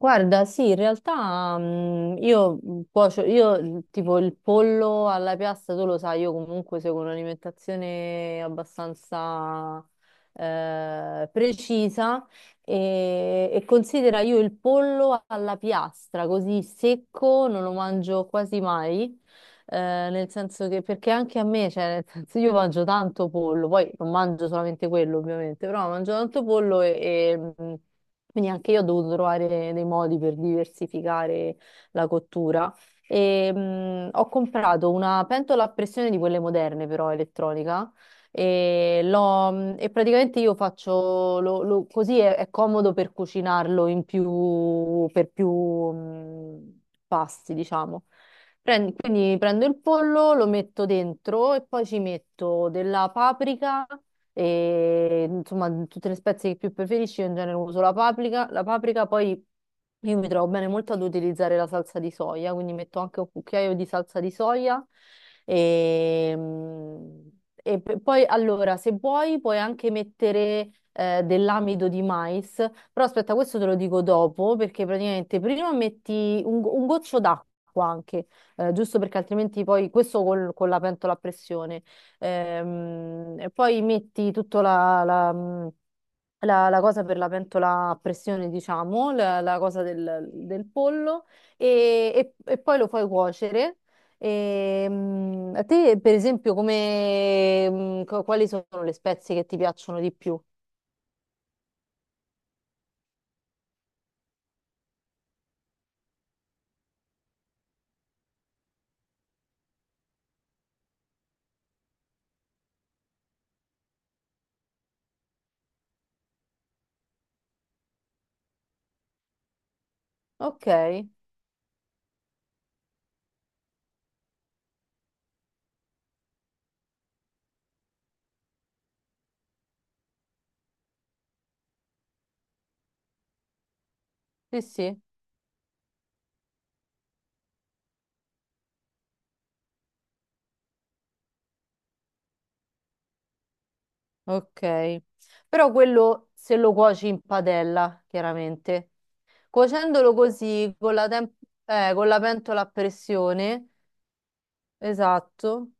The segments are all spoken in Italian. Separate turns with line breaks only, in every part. Guarda, sì, in realtà io cuocio, io tipo il pollo alla piastra, tu lo sai, io comunque seguo un'alimentazione abbastanza precisa e, considera, io il pollo alla piastra, così secco, non lo mangio quasi mai, eh, nel senso che, perché anche a me, cioè, nel senso, io mangio tanto pollo, poi non mangio solamente quello ovviamente, però mangio tanto pollo e, mm, quindi anche io ho dovuto trovare dei modi per diversificare la cottura. E, ho comprato una pentola a pressione di quelle moderne, però elettronica. E, e praticamente io faccio così è comodo per cucinarlo in più, per più pasti, diciamo. Quindi prendo il pollo, lo metto dentro e poi ci metto della paprika e insomma tutte le spezie che più preferisci, io in genere uso la paprika, la paprika. Poi io mi trovo bene molto ad utilizzare la salsa di soia, quindi metto anche un cucchiaio di salsa di soia e, e poi allora, se vuoi puoi anche mettere dell'amido di mais, però aspetta, questo te lo dico dopo, perché praticamente prima metti un goccio d'acqua anche, giusto perché altrimenti poi questo con la pentola a pressione. E poi metti tutta la cosa per la pentola a pressione, diciamo, la cosa del pollo e, e poi lo fai cuocere. E, a te, per esempio, come, quali sono le spezie che ti piacciono di più? Ok, sì, sì, ok. Però quello se lo cuoci in padella, chiaramente. Cuocendolo così con con la pentola a pressione. Esatto.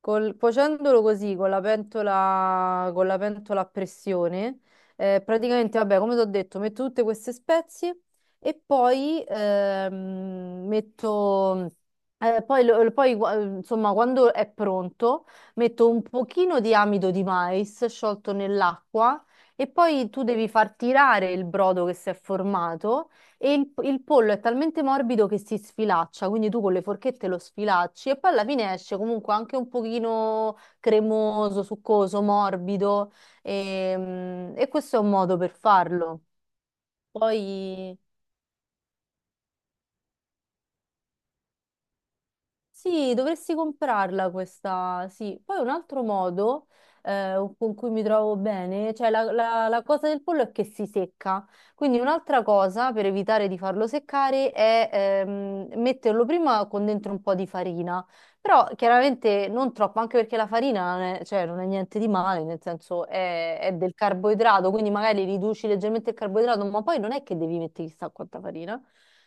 Cuocendolo così con la pentola a pressione, praticamente, vabbè, come ti ho detto, metto tutte queste spezie e poi metto, poi, poi, insomma, quando è pronto, metto un pochino di amido di mais sciolto nell'acqua e poi tu devi far tirare il brodo che si è formato e il pollo è talmente morbido che si sfilaccia, quindi tu con le forchette lo sfilacci e poi alla fine esce comunque anche un pochino cremoso, succoso, morbido e, e questo è un modo per farlo. Poi sì, dovresti comprarla questa, sì. Poi un altro modo con cui mi trovo bene, cioè la cosa del pollo è che si secca. Quindi un'altra cosa per evitare di farlo seccare è metterlo prima con dentro un po' di farina. Però chiaramente non troppo, anche perché la farina non è, cioè, non è niente di male, nel senso è del carboidrato, quindi magari riduci leggermente il carboidrato, ma poi non è che devi mettere chissà quanta farina.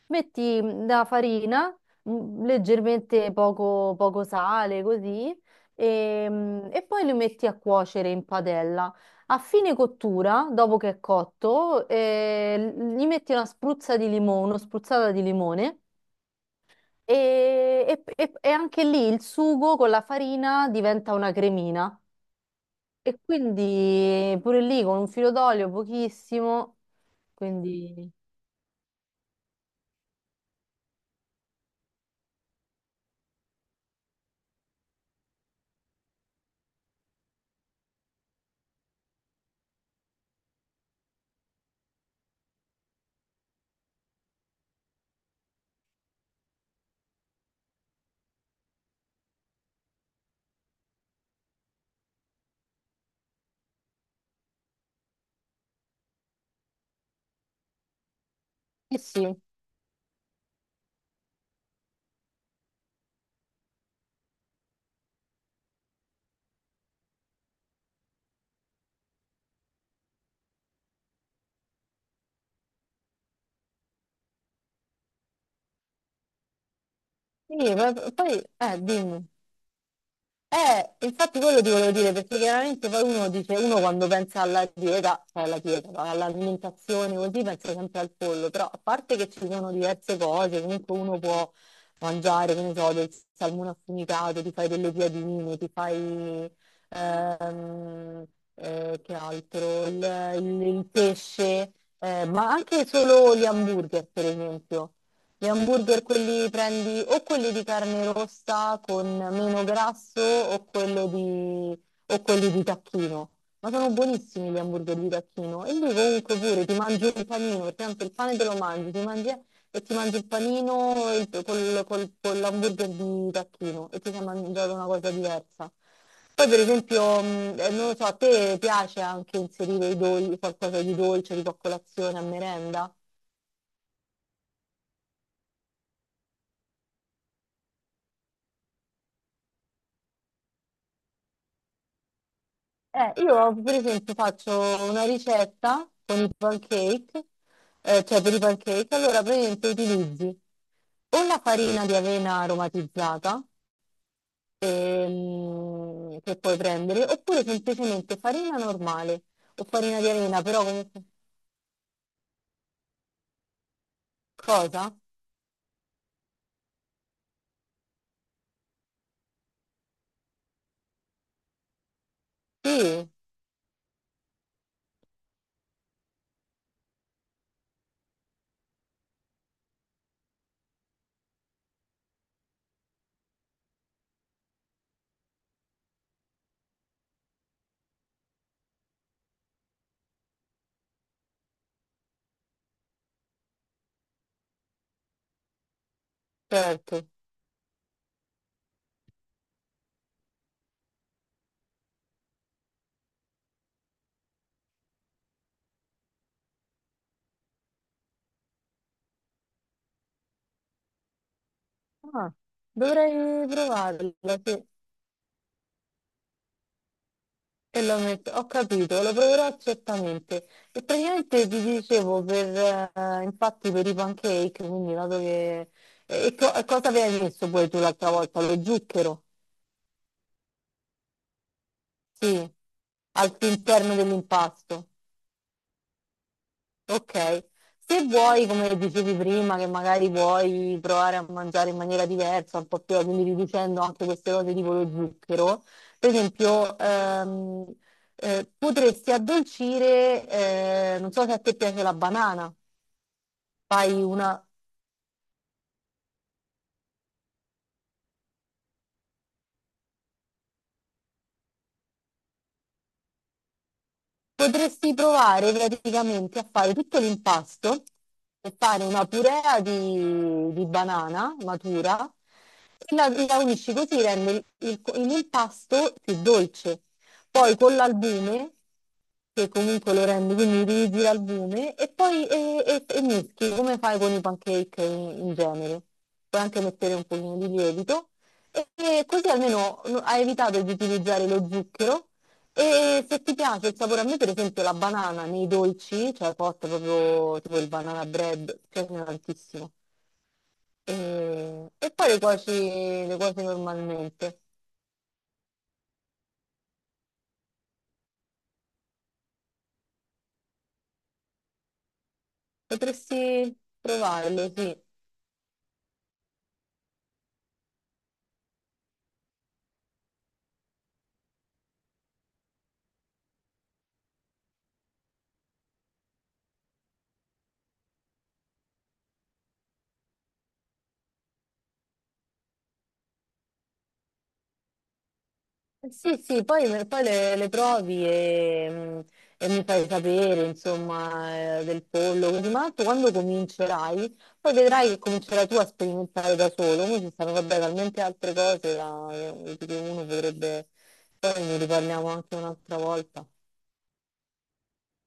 Metti la farina leggermente, poco, poco sale, così, e, e poi li metti a cuocere in padella. A fine cottura, dopo che è cotto, gli metti una spruzza di limone, una spruzzata di limone e, e anche lì il sugo con la farina diventa una cremina. E quindi pure lì con un filo d'olio pochissimo, quindi... Eh sì, sì, eh, dimmi. Infatti quello ti volevo dire, perché chiaramente poi uno dice, uno quando pensa alla dieta, cioè alla dieta, no? All'alimentazione così, pensa sempre al pollo, però a parte che ci sono diverse cose, comunque uno può mangiare, che ne so, del salmone affumicato, ti fai delle piadine, ti fai, ehm, che altro, il pesce, ma anche solo gli hamburger, per esempio. Gli hamburger, quelli prendi o quelli di carne rossa con meno grasso o quelli di tacchino. Ma sono buonissimi gli hamburger di tacchino. E lui comunque, pure ti mangi un panino, perché tanto il pane te lo mangi, ti mangi, e ti mangi il panino e con l'hamburger di tacchino e ti sei mangiato una cosa diversa. Poi, per esempio, non lo so, a te piace anche inserire qualcosa di dolce, tipo a colazione, a merenda? Io, per esempio, faccio una ricetta con i pancake, cioè, per i pancake, allora praticamente utilizzi o la farina di avena aromatizzata, che puoi prendere, oppure semplicemente farina normale o farina di avena, però comunque cosa? Sì, certo. Ah, dovrei provarla, sì. E lo metto, ho capito, lo proverò certamente. E praticamente ti dicevo, per, infatti, per i pancake, quindi dato che... E, e cosa avevi messo poi tu l'altra volta? Lo zucchero? Sì, all'interno dell'impasto. Ok, se vuoi, come dicevi prima, che magari puoi provare a mangiare in maniera diversa, un po' più, quindi riducendo anche queste cose tipo lo zucchero, per esempio, potresti addolcire, non so se a te piace la banana, fai una... Potresti provare praticamente a fare tutto l'impasto e fare una purea di banana matura e la unisci, così rende l'impasto più dolce. Poi con l'albume, che comunque lo rende, quindi utilizzi l'albume e poi e mischi come fai con i pancake in, in genere. Puoi anche mettere un pochino di lievito e così almeno hai evitato di utilizzare lo zucchero e se ti piace il sapore, a me per esempio la banana nei dolci, cioè costa proprio tipo il banana bread, mi piace tantissimo. E poi le cuoci normalmente. Potresti provarlo, sì. Sì, sì, poi, poi le provi e, e mi fai sapere, insomma, del pollo, così, ma tanto quando comincerai, poi vedrai che comincerai tu a sperimentare da solo, come ci stanno, vabbè, talmente altre cose da, che uno potrebbe, poi ne riparliamo anche un'altra volta.